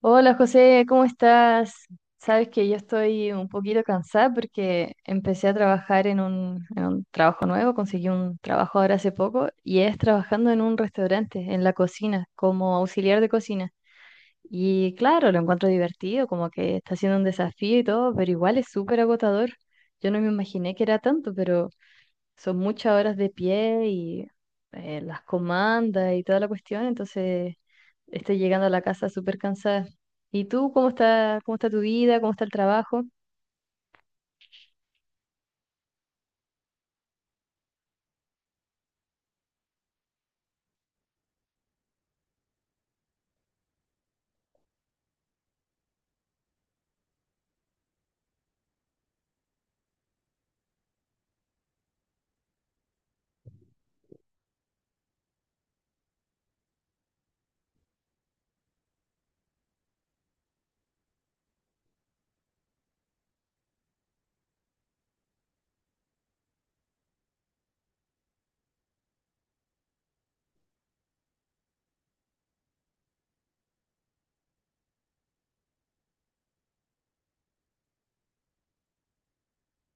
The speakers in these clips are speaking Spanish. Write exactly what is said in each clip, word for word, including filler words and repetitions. Hola José, ¿cómo estás? Sabes que yo estoy un poquito cansada porque empecé a trabajar en un, en un trabajo nuevo, conseguí un trabajo ahora hace poco y es trabajando en un restaurante, en la cocina, como auxiliar de cocina. Y claro, lo encuentro divertido, como que está siendo un desafío y todo, pero igual es súper agotador. Yo no me imaginé que era tanto, pero son muchas horas de pie y eh, las comandas y toda la cuestión, entonces. Estoy llegando a la casa súper cansada. ¿Y tú cómo está, cómo está tu vida? ¿Cómo está el trabajo?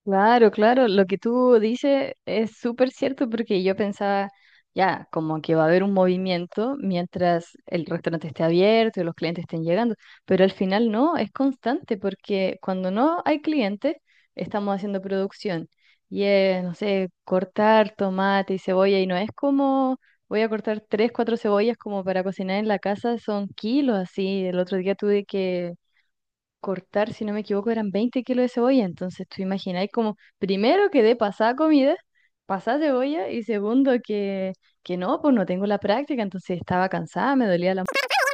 Claro, claro, lo que tú dices es súper cierto porque yo pensaba, ya, como que va a haber un movimiento mientras el restaurante esté abierto y los clientes estén llegando, pero al final no, es constante porque cuando no hay clientes, estamos haciendo producción y es, no sé, cortar tomate y cebolla y no es como voy a cortar tres, cuatro cebollas como para cocinar en la casa, son kilos así. El otro día tuve que cortar, si no me equivoco, eran veinte kilos de cebolla. Entonces, tú imagináis como, primero que de pasada comida, pasada cebolla, y segundo que, que, no, pues no tengo la práctica, entonces estaba cansada, me dolía la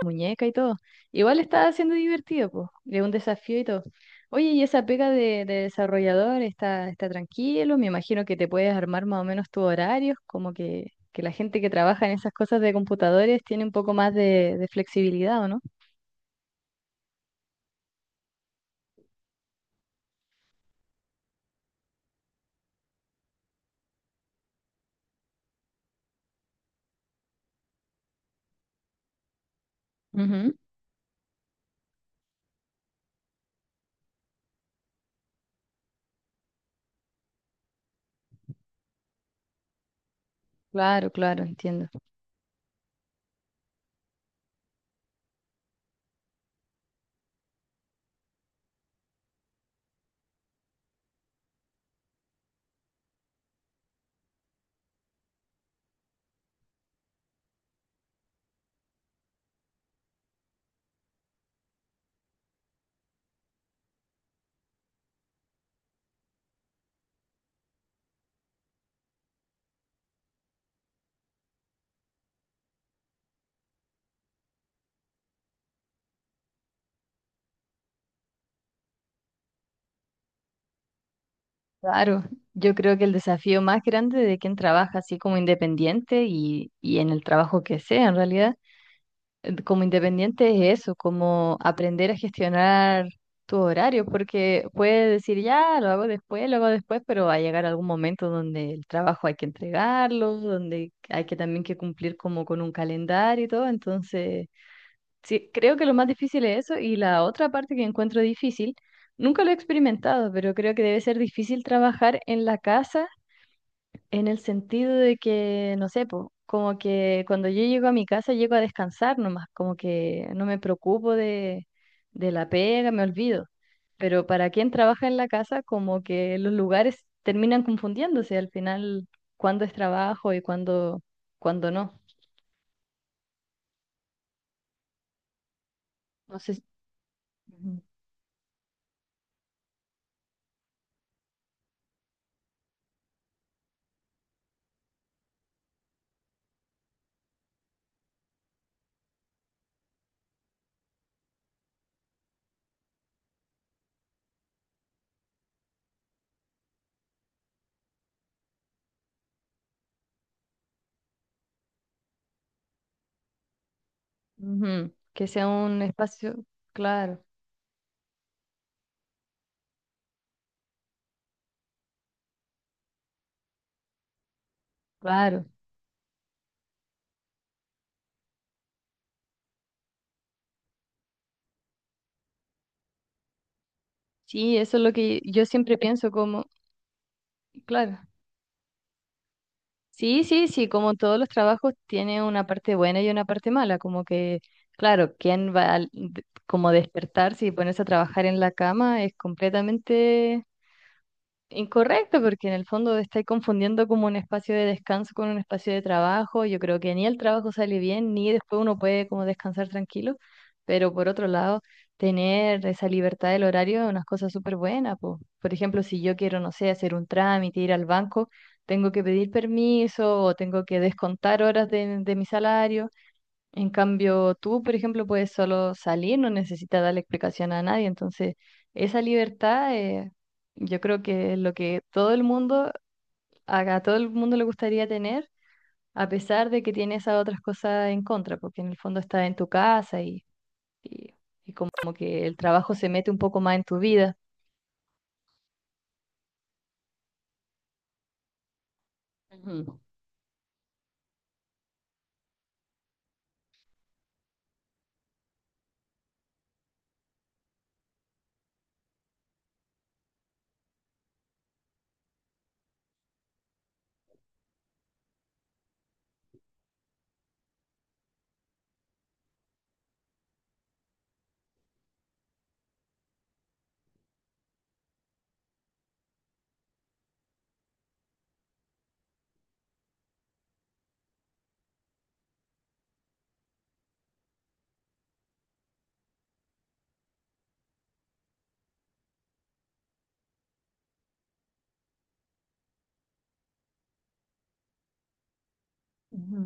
muñeca y todo. Igual estaba siendo divertido, pues, de un desafío y todo. Oye, y esa pega de, de desarrollador está, está, tranquilo, me imagino que te puedes armar más o menos tus horarios, como que, que, la gente que trabaja en esas cosas de computadores tiene un poco más de, de flexibilidad, ¿o no? Ujú. Claro, claro, entiendo. Claro, yo creo que el desafío más grande de quien trabaja así como independiente y, y en el trabajo que sea en realidad, eh, como independiente es eso, como aprender a gestionar tu horario, porque puedes decir ya, lo hago después, lo hago después, pero va a llegar algún momento donde el trabajo hay que entregarlo, donde hay que también que cumplir como con un calendario y todo, entonces. Sí, creo que lo más difícil es eso y la otra parte que encuentro difícil, nunca lo he experimentado, pero creo que debe ser difícil trabajar en la casa en el sentido de que, no sé, po, como que cuando yo llego a mi casa llego a descansar nomás, como que no me preocupo de, de la pega, me olvido. Pero para quien trabaja en la casa, como que los lugares terminan confundiéndose al final, cuándo es trabajo y cuándo, cuándo no. No sé. si- Ujú. Que sea un espacio, claro, claro. Sí, eso es lo que yo siempre pienso como, claro. Sí, sí, sí, como todos los trabajos tiene una parte buena y una parte mala, como que, claro, quién va a, como despertarse y ponerse a trabajar en la cama es completamente incorrecto, porque en el fondo estáis confundiendo como un espacio de descanso con un espacio de trabajo. Yo creo que ni el trabajo sale bien, ni después uno puede como descansar tranquilo. Pero por otro lado, tener esa libertad del horario es una cosa súper buena, po. Por ejemplo, si yo quiero, no sé, hacer un trámite, ir al banco, tengo que pedir permiso o tengo que descontar horas de, de, mi salario. En cambio, tú, por ejemplo, puedes solo salir, no necesitas darle explicación a nadie. Entonces, esa libertad, eh, yo creo que es lo que todo el mundo, a, a todo el mundo le gustaría tener, a pesar de que tiene esas otras cosas en contra, porque en el fondo estás en tu casa y, y, y como que el trabajo se mete un poco más en tu vida. Ujú. Ujú.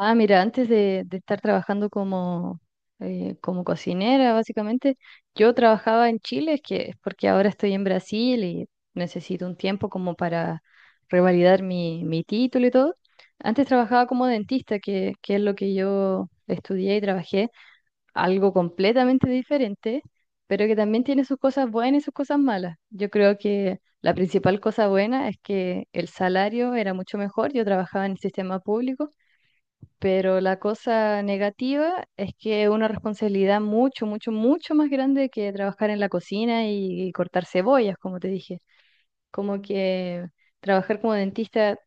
Ah, mira, antes de, de, estar trabajando como, eh, como cocinera, básicamente, yo trabajaba en Chile, que es porque ahora estoy en Brasil y necesito un tiempo como para revalidar mi, mi, título y todo. Antes trabajaba como dentista, que, que es lo que yo estudié y trabajé, algo completamente diferente, pero que también tiene sus cosas buenas y sus cosas malas. Yo creo que la principal cosa buena es que el salario era mucho mejor, yo trabajaba en el sistema público. Pero la cosa negativa es que es una responsabilidad mucho, mucho, mucho más grande que trabajar en la cocina y, y cortar cebollas, como te dije. Como que trabajar como dentista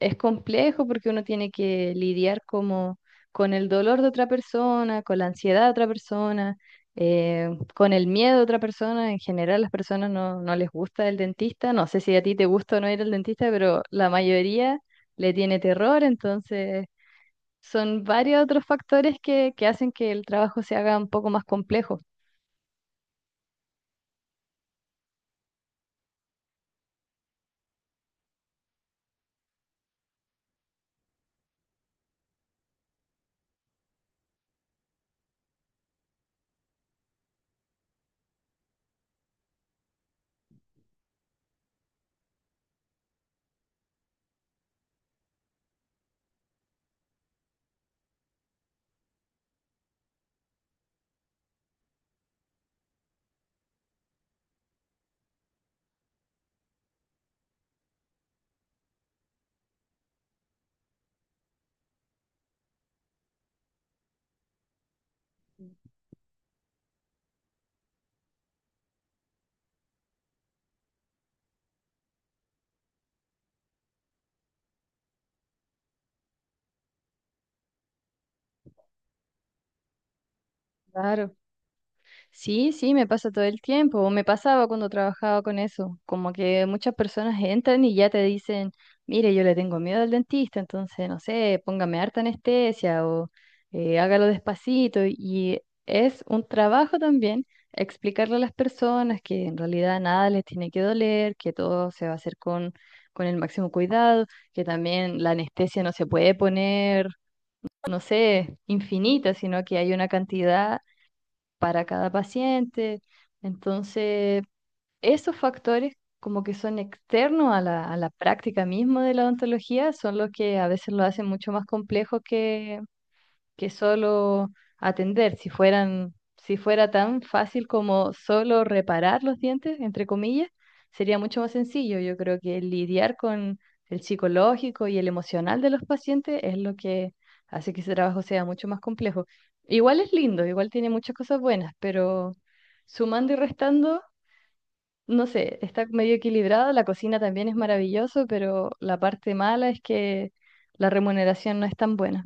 es complejo porque uno tiene que lidiar como con el dolor de otra persona, con la ansiedad de otra persona, eh, con el miedo de otra persona. En general, las personas no, no les gusta el dentista. No sé si a ti te gusta o no ir al dentista, pero la mayoría le tiene terror, entonces son varios otros factores que, que hacen que el trabajo se haga un poco más complejo. Claro. Sí, sí, me pasa todo el tiempo, o me pasaba cuando trabajaba con eso, como que muchas personas entran y ya te dicen, mire, yo le tengo miedo al dentista, entonces, no sé, póngame harta anestesia o eh, hágalo despacito. Y es un trabajo también explicarle a las personas que en realidad nada les tiene que doler, que todo se va a hacer con, con, el máximo cuidado, que también la anestesia no se puede poner, no sé, infinita, sino que hay una cantidad para cada paciente. Entonces, esos factores como que son externos a la, a la práctica misma de la odontología son los que a veces lo hacen mucho más complejo que solo atender. Si fueran, si fuera tan fácil como solo reparar los dientes, entre comillas, sería mucho más sencillo. Yo creo que lidiar con el psicológico y el emocional de los pacientes es lo que hace que ese trabajo sea mucho más complejo. Igual es lindo, igual tiene muchas cosas buenas, pero sumando y restando, no sé, está medio equilibrado, la cocina también es maravilloso, pero la parte mala es que la remuneración no es tan buena.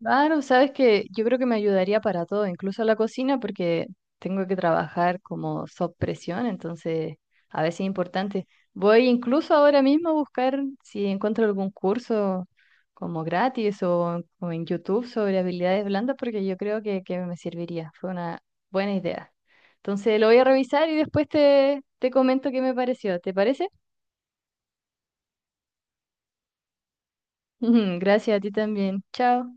Claro, sabes que yo creo que me ayudaría para todo, incluso la cocina, porque tengo que trabajar como sob presión, entonces a veces es importante. Voy incluso ahora mismo a buscar si encuentro algún curso como gratis o, o en YouTube sobre habilidades blandas, porque yo creo que, que, me serviría. Fue una buena idea. Entonces lo voy a revisar y después te, te, comento qué me pareció. ¿Te parece? Gracias a ti también. Chao.